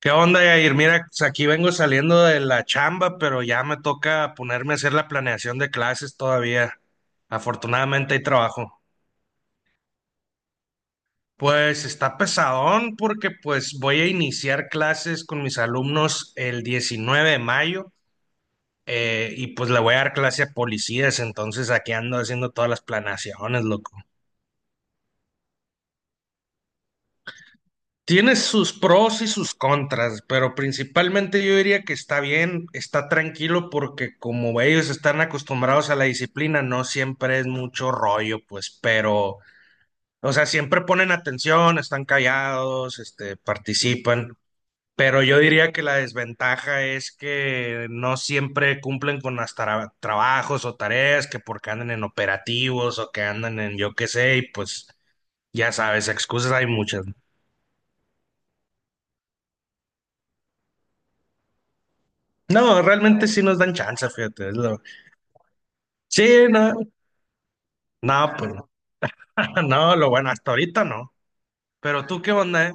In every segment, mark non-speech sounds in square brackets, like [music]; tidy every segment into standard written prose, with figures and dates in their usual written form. ¿Qué onda, Yair? Mira, pues, aquí vengo saliendo de la chamba, pero ya me toca ponerme a hacer la planeación de clases todavía. Afortunadamente hay trabajo. Pues está pesadón porque pues voy a iniciar clases con mis alumnos el 19 de mayo y pues le voy a dar clase a policías, entonces aquí ando haciendo todas las planeaciones, loco. Tiene sus pros y sus contras, pero principalmente yo diría que está bien, está tranquilo porque como ellos están acostumbrados a la disciplina, no siempre es mucho rollo, pues, pero, o sea, siempre ponen atención, están callados, participan, pero yo diría que la desventaja es que no siempre cumplen con las trabajos o tareas, que porque andan en operativos o que andan en yo qué sé, y pues ya sabes, excusas hay muchas, ¿no? No, realmente sí nos dan chance, fíjate. Sí, no, no, pues no. [laughs] No, lo bueno, hasta ahorita no. Pero tú, ¿qué onda,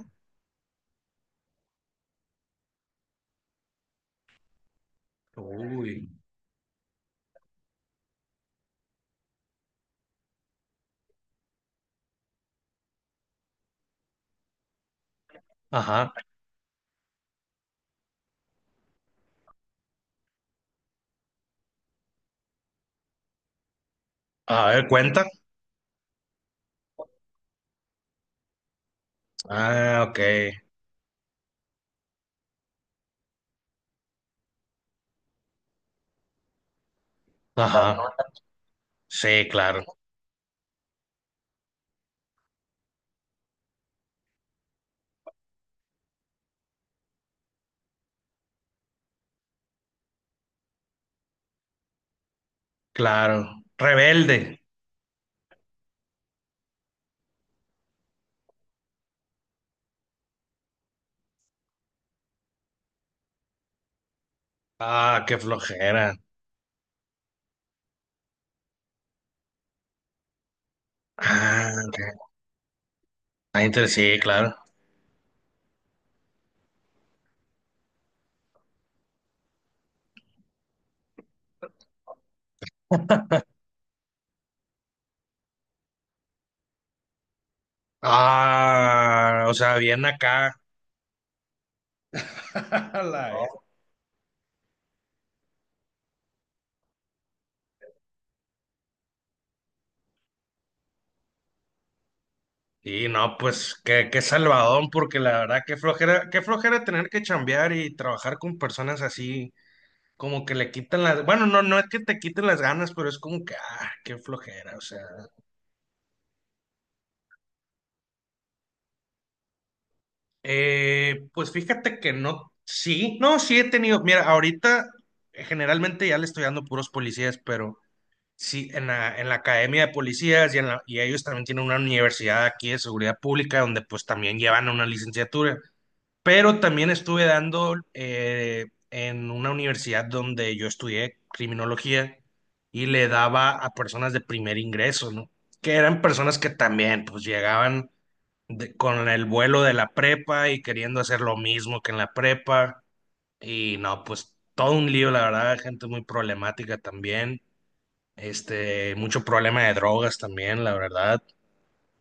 Uy. Ajá. A ver, cuenta. Ah, ok. Ajá. Sí, claro, claro. Rebelde. Ah, qué flojera. Ah, ok. Sí, claro. Ah, o sea, bien acá. [laughs] La. Y no, pues qué, qué salvadón, porque la verdad qué flojera tener que chambear y trabajar con personas así, como que le quitan las, bueno, no, no es que te quiten las ganas, pero es como que, ah, qué flojera, o sea. Pues fíjate que no, sí, no, sí he tenido, mira, ahorita generalmente ya le estoy dando puros policías, pero sí, en la academia de policías y, y ellos también tienen una universidad aquí de seguridad pública donde pues también llevan una licenciatura. Pero también estuve dando en una universidad donde yo estudié criminología y le daba a personas de primer ingreso, ¿no? Que eran personas que también pues llegaban con el vuelo de la prepa y queriendo hacer lo mismo que en la prepa. Y no, pues todo un lío, la verdad, gente muy problemática también. Mucho problema de drogas también, la verdad.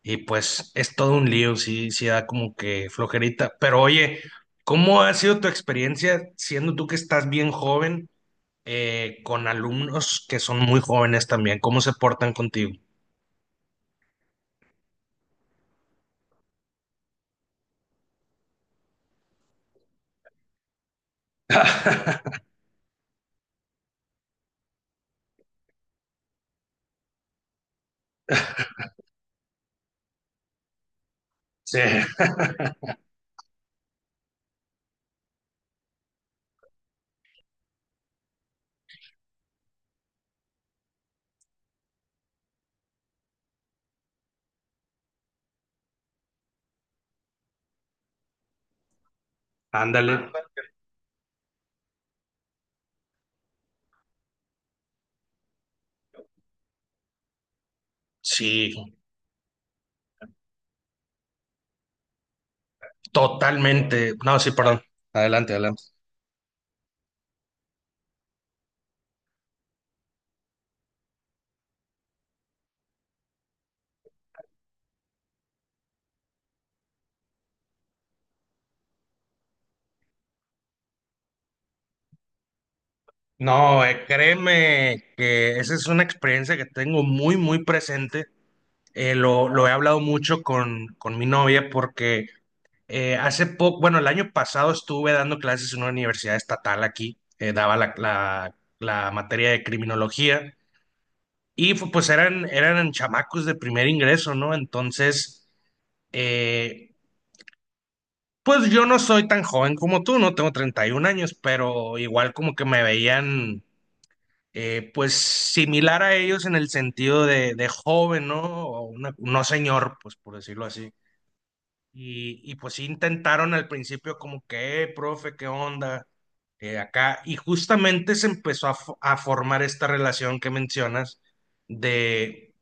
Y pues es todo un lío, sí, sí da como que flojerita. Pero oye, ¿cómo ha sido tu experiencia siendo tú que estás bien joven con alumnos que son muy jóvenes también? ¿Cómo se portan contigo? Sí. [laughs] Ándale. Sí, totalmente. No, sí, perdón. Adelante, adelante. No, créeme que esa es una experiencia que tengo muy, muy presente. Lo he hablado mucho con mi novia porque hace poco, bueno, el año pasado estuve dando clases en una universidad estatal aquí, daba la materia de criminología y pues eran, eran chamacos de primer ingreso, ¿no? Entonces, eh, pues yo no soy tan joven como tú, no tengo 31 años, pero igual como que me veían pues similar a ellos en el sentido de joven, ¿no? No señor, pues por decirlo así. Y pues sí intentaron al principio como que, profe, ¿qué onda? Acá." Y justamente se empezó a, a formar esta relación que mencionas de,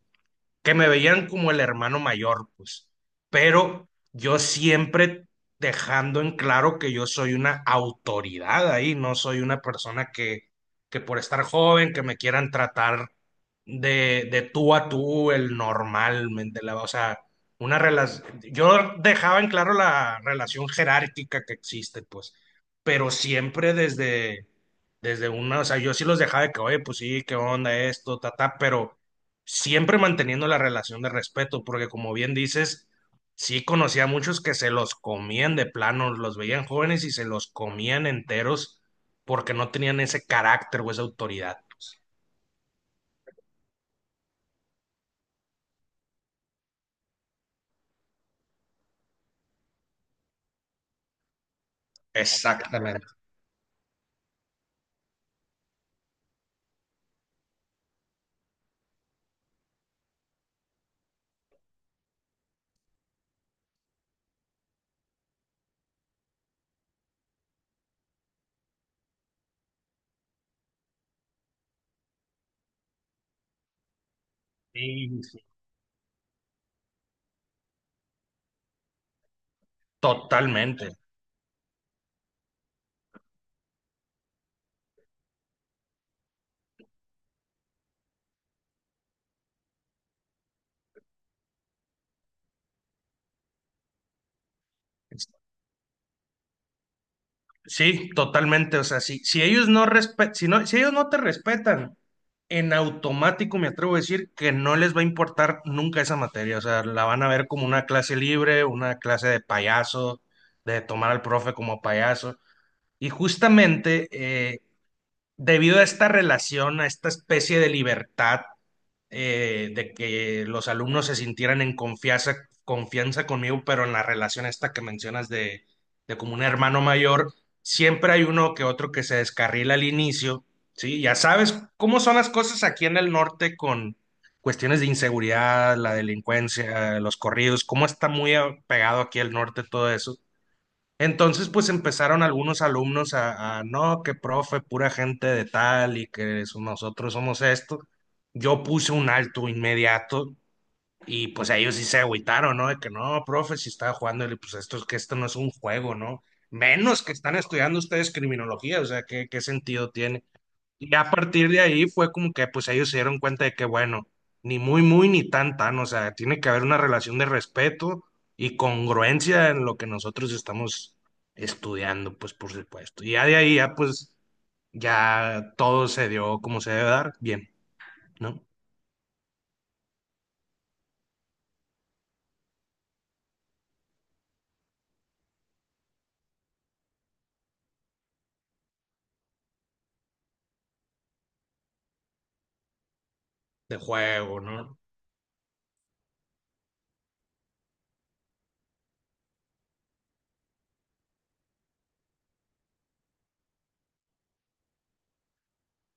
que me veían como el hermano mayor, pues. Pero yo siempre dejando en claro que yo soy una autoridad ahí, no soy una persona que por estar joven, que me quieran tratar de tú a tú, el normal, ¿me entiendes? O sea, una relación, yo dejaba en claro la relación jerárquica que existe, pues, pero siempre desde, desde una, o sea, yo sí los dejaba de que, oye, pues sí, qué onda esto, ta, ta, pero siempre manteniendo la relación de respeto, porque como bien dices, sí conocía a muchos que se los comían de plano, los veían jóvenes y se los comían enteros porque no tenían ese carácter o esa autoridad. Exactamente. Sí, sí, totalmente. Sí, totalmente. O sea, si, si ellos no respe- si no, si ellos no te respetan, en automático me atrevo a decir que no les va a importar nunca esa materia. O sea, la van a ver como una clase libre, una clase de payaso, de tomar al profe como payaso. Y justamente debido a esta relación, a esta especie de libertad de que los alumnos se sintieran en confianza, confianza conmigo, pero en la relación esta que mencionas de como un hermano mayor, siempre hay uno que otro que se descarrila al inicio, ¿sí? Ya sabes cómo son las cosas aquí en el norte con cuestiones de inseguridad, la delincuencia, los corridos, cómo está muy pegado aquí el norte todo eso. Entonces, pues empezaron algunos alumnos a, no, que profe, pura gente de tal y nosotros somos esto. Yo puse un alto inmediato y pues ellos sí se agüitaron, ¿no? De que no, profe, si estaba jugando, y le, pues esto es que esto no es un juego, ¿no? Menos que están estudiando ustedes criminología, o sea, ¿qué, qué sentido tiene? Y a partir de ahí fue como que pues ellos se dieron cuenta de que bueno, ni muy muy ni tan tan, o sea, tiene que haber una relación de respeto y congruencia en lo que nosotros estamos estudiando, pues por supuesto. Y ya de ahí ya pues ya todo se dio como se debe dar, bien, ¿no? De juego, ¿no?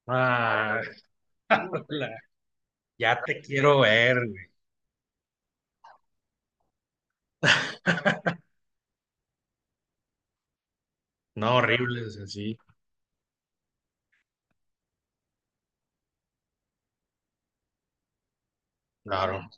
Ah. [laughs] Ya te quiero ver, güey. No, horribles, así. Claro.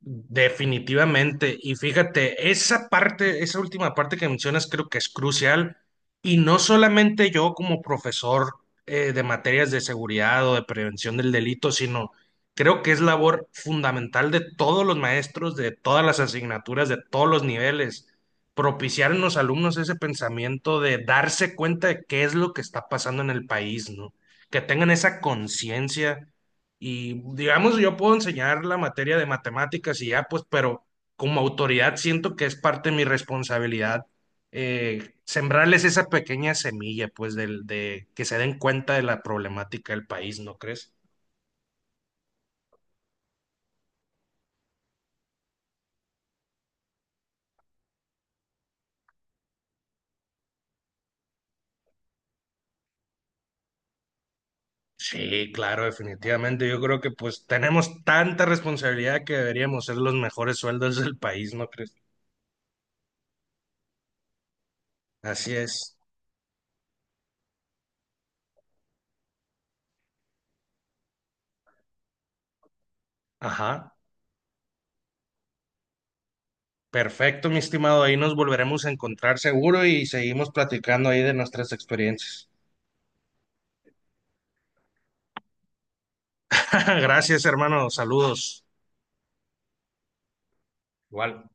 Definitivamente. Y fíjate, esa parte, esa última parte que mencionas creo que es crucial. Y no solamente yo como profesor de materias de seguridad o de prevención del delito, sino creo que es labor fundamental de todos los maestros, de todas las asignaturas, de todos los niveles, propiciar en los alumnos ese pensamiento de darse cuenta de qué es lo que está pasando en el país, ¿no? Que tengan esa conciencia y digamos, yo puedo enseñar la materia de matemáticas y ya, pues, pero como autoridad siento que es parte de mi responsabilidad sembrarles esa pequeña semilla, pues, del, de que se den cuenta de la problemática del país, ¿no crees? Sí, claro, definitivamente. Yo creo que pues tenemos tanta responsabilidad que deberíamos ser los mejores sueldos del país, ¿no crees? Así es. Ajá. Perfecto, mi estimado. Ahí nos volveremos a encontrar seguro y seguimos platicando ahí de nuestras experiencias. [laughs] Gracias, hermano. Saludos. Igual.